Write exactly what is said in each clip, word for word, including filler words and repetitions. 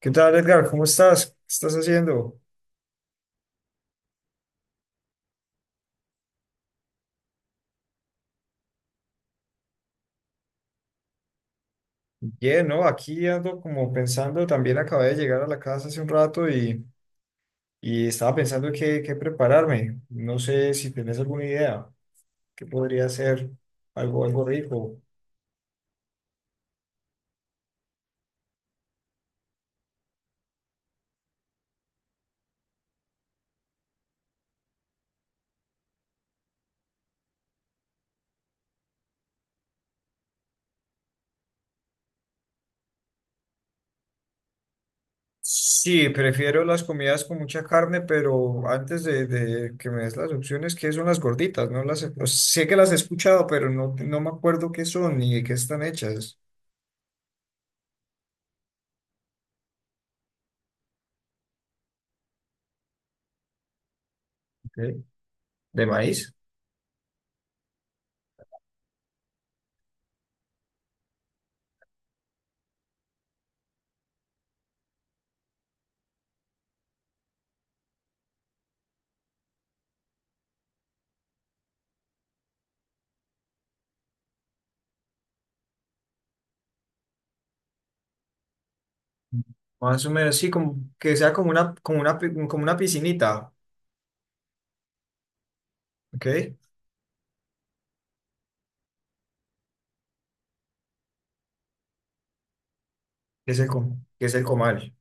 ¿Qué tal, Edgar? ¿Cómo estás? ¿Qué estás haciendo? Bien, ¿no? Aquí ando como pensando, también acabé de llegar a la casa hace un rato y, y estaba pensando qué, qué prepararme. No sé si tenés alguna idea, qué podría ser algo, algo rico. Sí, prefiero las comidas con mucha carne, pero antes de, de que me des las opciones, ¿qué son las gorditas? No las, he- O sea, sé que las he escuchado, pero no, no me acuerdo qué son ni de qué están hechas. Ok. ¿De maíz? Más o menos, sí, como que sea como una, como una, pi- como una piscinita, ¿ok? Que es el, co- que es el comal.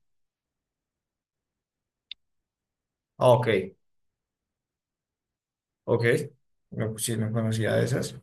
Ah, ok, ok. No, pues sí, no conocía de esas.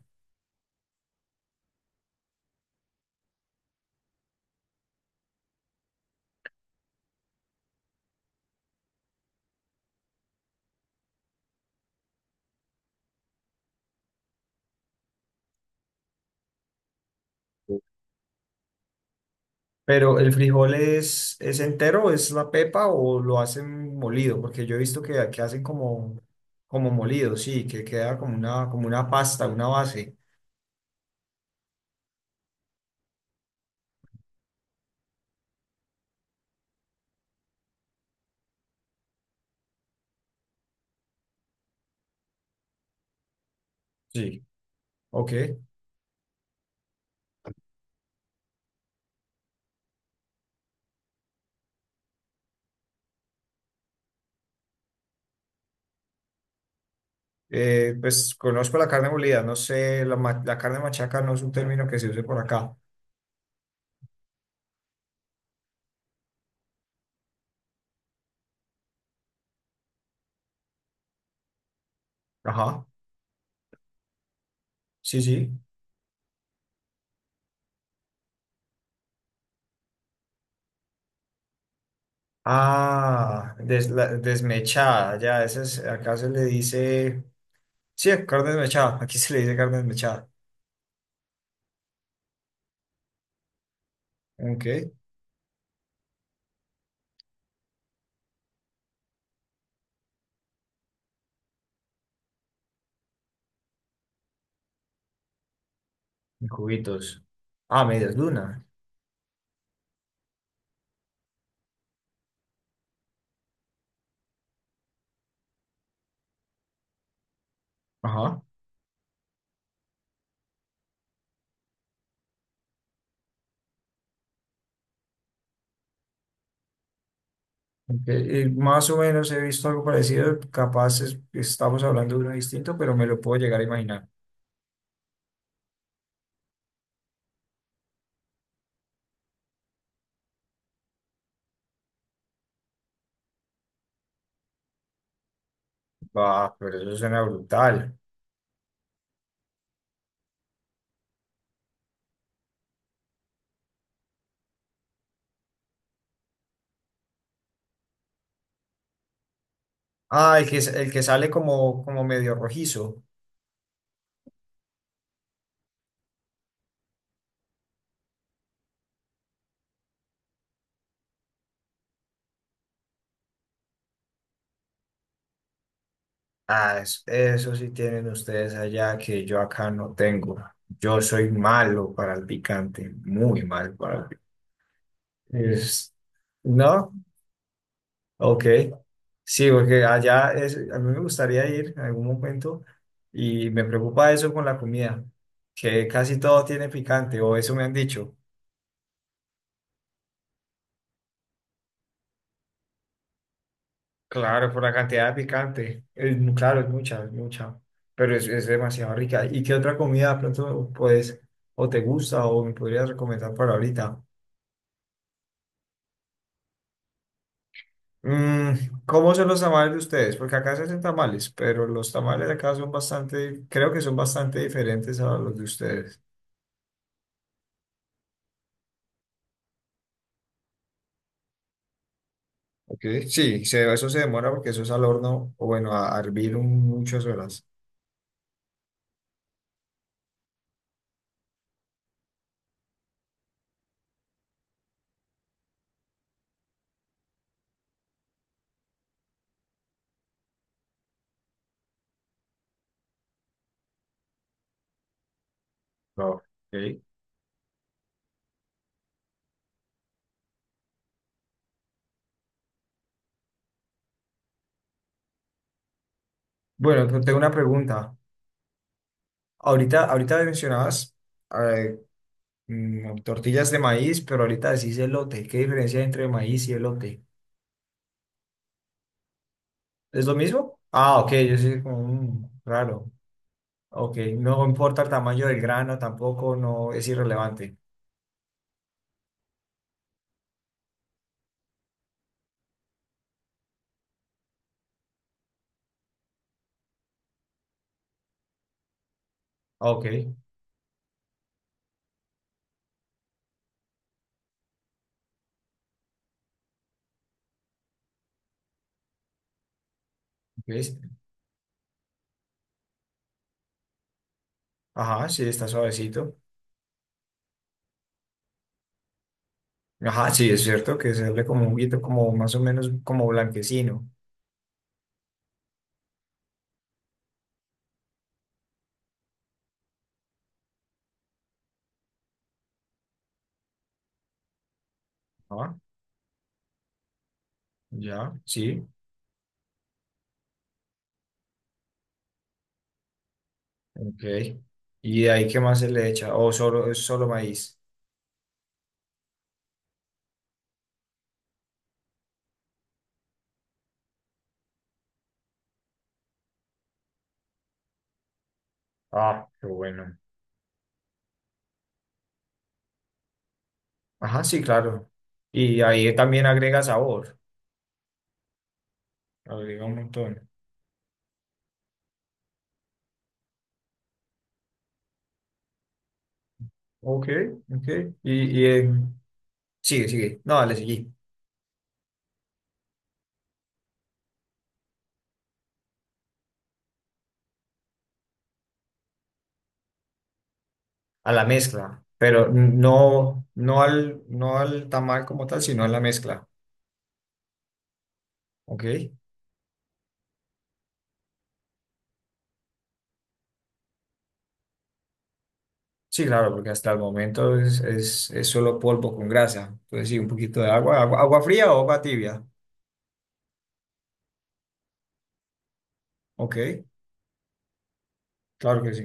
Pero el frijol es, es entero, es la pepa o lo hacen molido, porque yo he visto que, que hacen como, como molido, sí, que queda como una, como una pasta, una base. Sí. Ok. Eh, pues conozco la carne molida, no sé, la, ma- la carne machaca no es un término que se use por acá. Ajá. Sí, sí. Ah, des- la- desmechada, ya, esa es, acá se le dice, sí, carne desmechada, aquí se le dice carne desmechada. Ok, en cubitos. Ah, medias luna. Ajá. Ok, y más o menos he visto algo parecido, capaz es- estamos hablando de uno distinto, pero me lo puedo llegar a imaginar. Va, pero eso suena brutal. Ah, el que, es- el que sale como, como medio rojizo. Ah, es- eso sí tienen ustedes allá que yo acá no tengo. Yo soy malo para el picante, muy malo para el picante. Es- ¿No? Ok. Sí, porque allá es, a mí me gustaría ir en algún momento y me preocupa eso con la comida, que casi todo tiene picante, o eso me han dicho. Claro, por la cantidad de picante. Es claro, es mucha, es mucha. Pero es, es demasiado rica. ¿Y qué otra comida de pronto puedes o te gusta o me podrías recomendar para ahorita? Mm, ¿cómo son los tamales de ustedes? Porque acá se hacen tamales, pero los tamales de acá son bastante, creo que son bastante diferentes a los de ustedes. Ok, sí, se- eso se demora porque eso es al horno o bueno, a, a hervir un- muchas horas. Ok. Bueno, te- tengo una pregunta. Ahorita, ahorita mencionabas. eh, Mm, tortillas de maíz, pero ahorita decís elote. ¿Qué diferencia hay entre maíz y elote? ¿Es lo mismo? Ah, ok, yo sí, como mm, raro. Ok, no importa el tamaño del grano tampoco, no es irrelevante. Ah, ok, ¿ves? Ajá, sí, está suavecito. Ajá, sí, es cierto que se ve como un guito, como más o menos como blanquecino. Ah, ya, sí, ok. ¿Y de ahí qué más se le echa? ¿O solo, es solo maíz? Ah, qué bueno. Ajá, sí, claro. Y ahí también agrega sabor. Agrega un montón. Ok, ok. Y, y en- Sigue, sigue. No, le seguí. A la mezcla. Pero no, no al, no al tamal como tal, sino a la mezcla. Ok. Sí, claro, porque hasta el momento es, es, es solo polvo con grasa. Entonces, sí, un poquito de agua. ¿Agua, agua fría o agua tibia? Ok, claro que sí.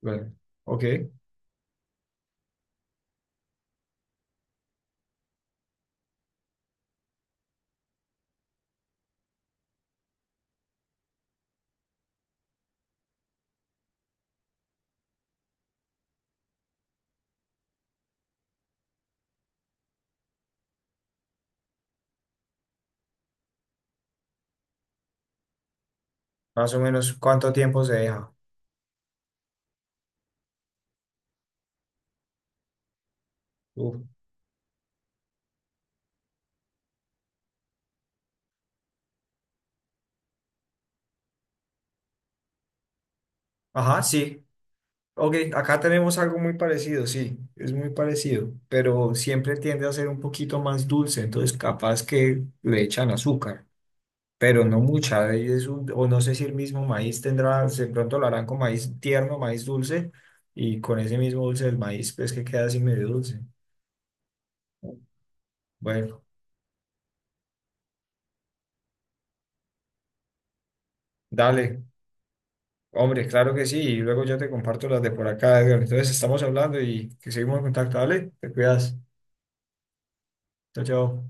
Bueno, ok. Más o menos, ¿cuánto tiempo se deja? Uf. Ajá, sí. Ok, acá tenemos algo muy parecido, sí, es muy parecido, pero siempre tiende a ser un poquito más dulce, entonces capaz que le echan azúcar, pero no mucha, ahí es un- o no sé si el mismo maíz tendrá, de pronto lo harán con maíz tierno, maíz dulce, y con ese mismo dulce del maíz, pues que queda así medio dulce. Bueno, dale, hombre, claro que sí, y luego yo te comparto las de por acá, Edgar, entonces estamos hablando y que seguimos en contacto, dale, te cuidas, chao, chao.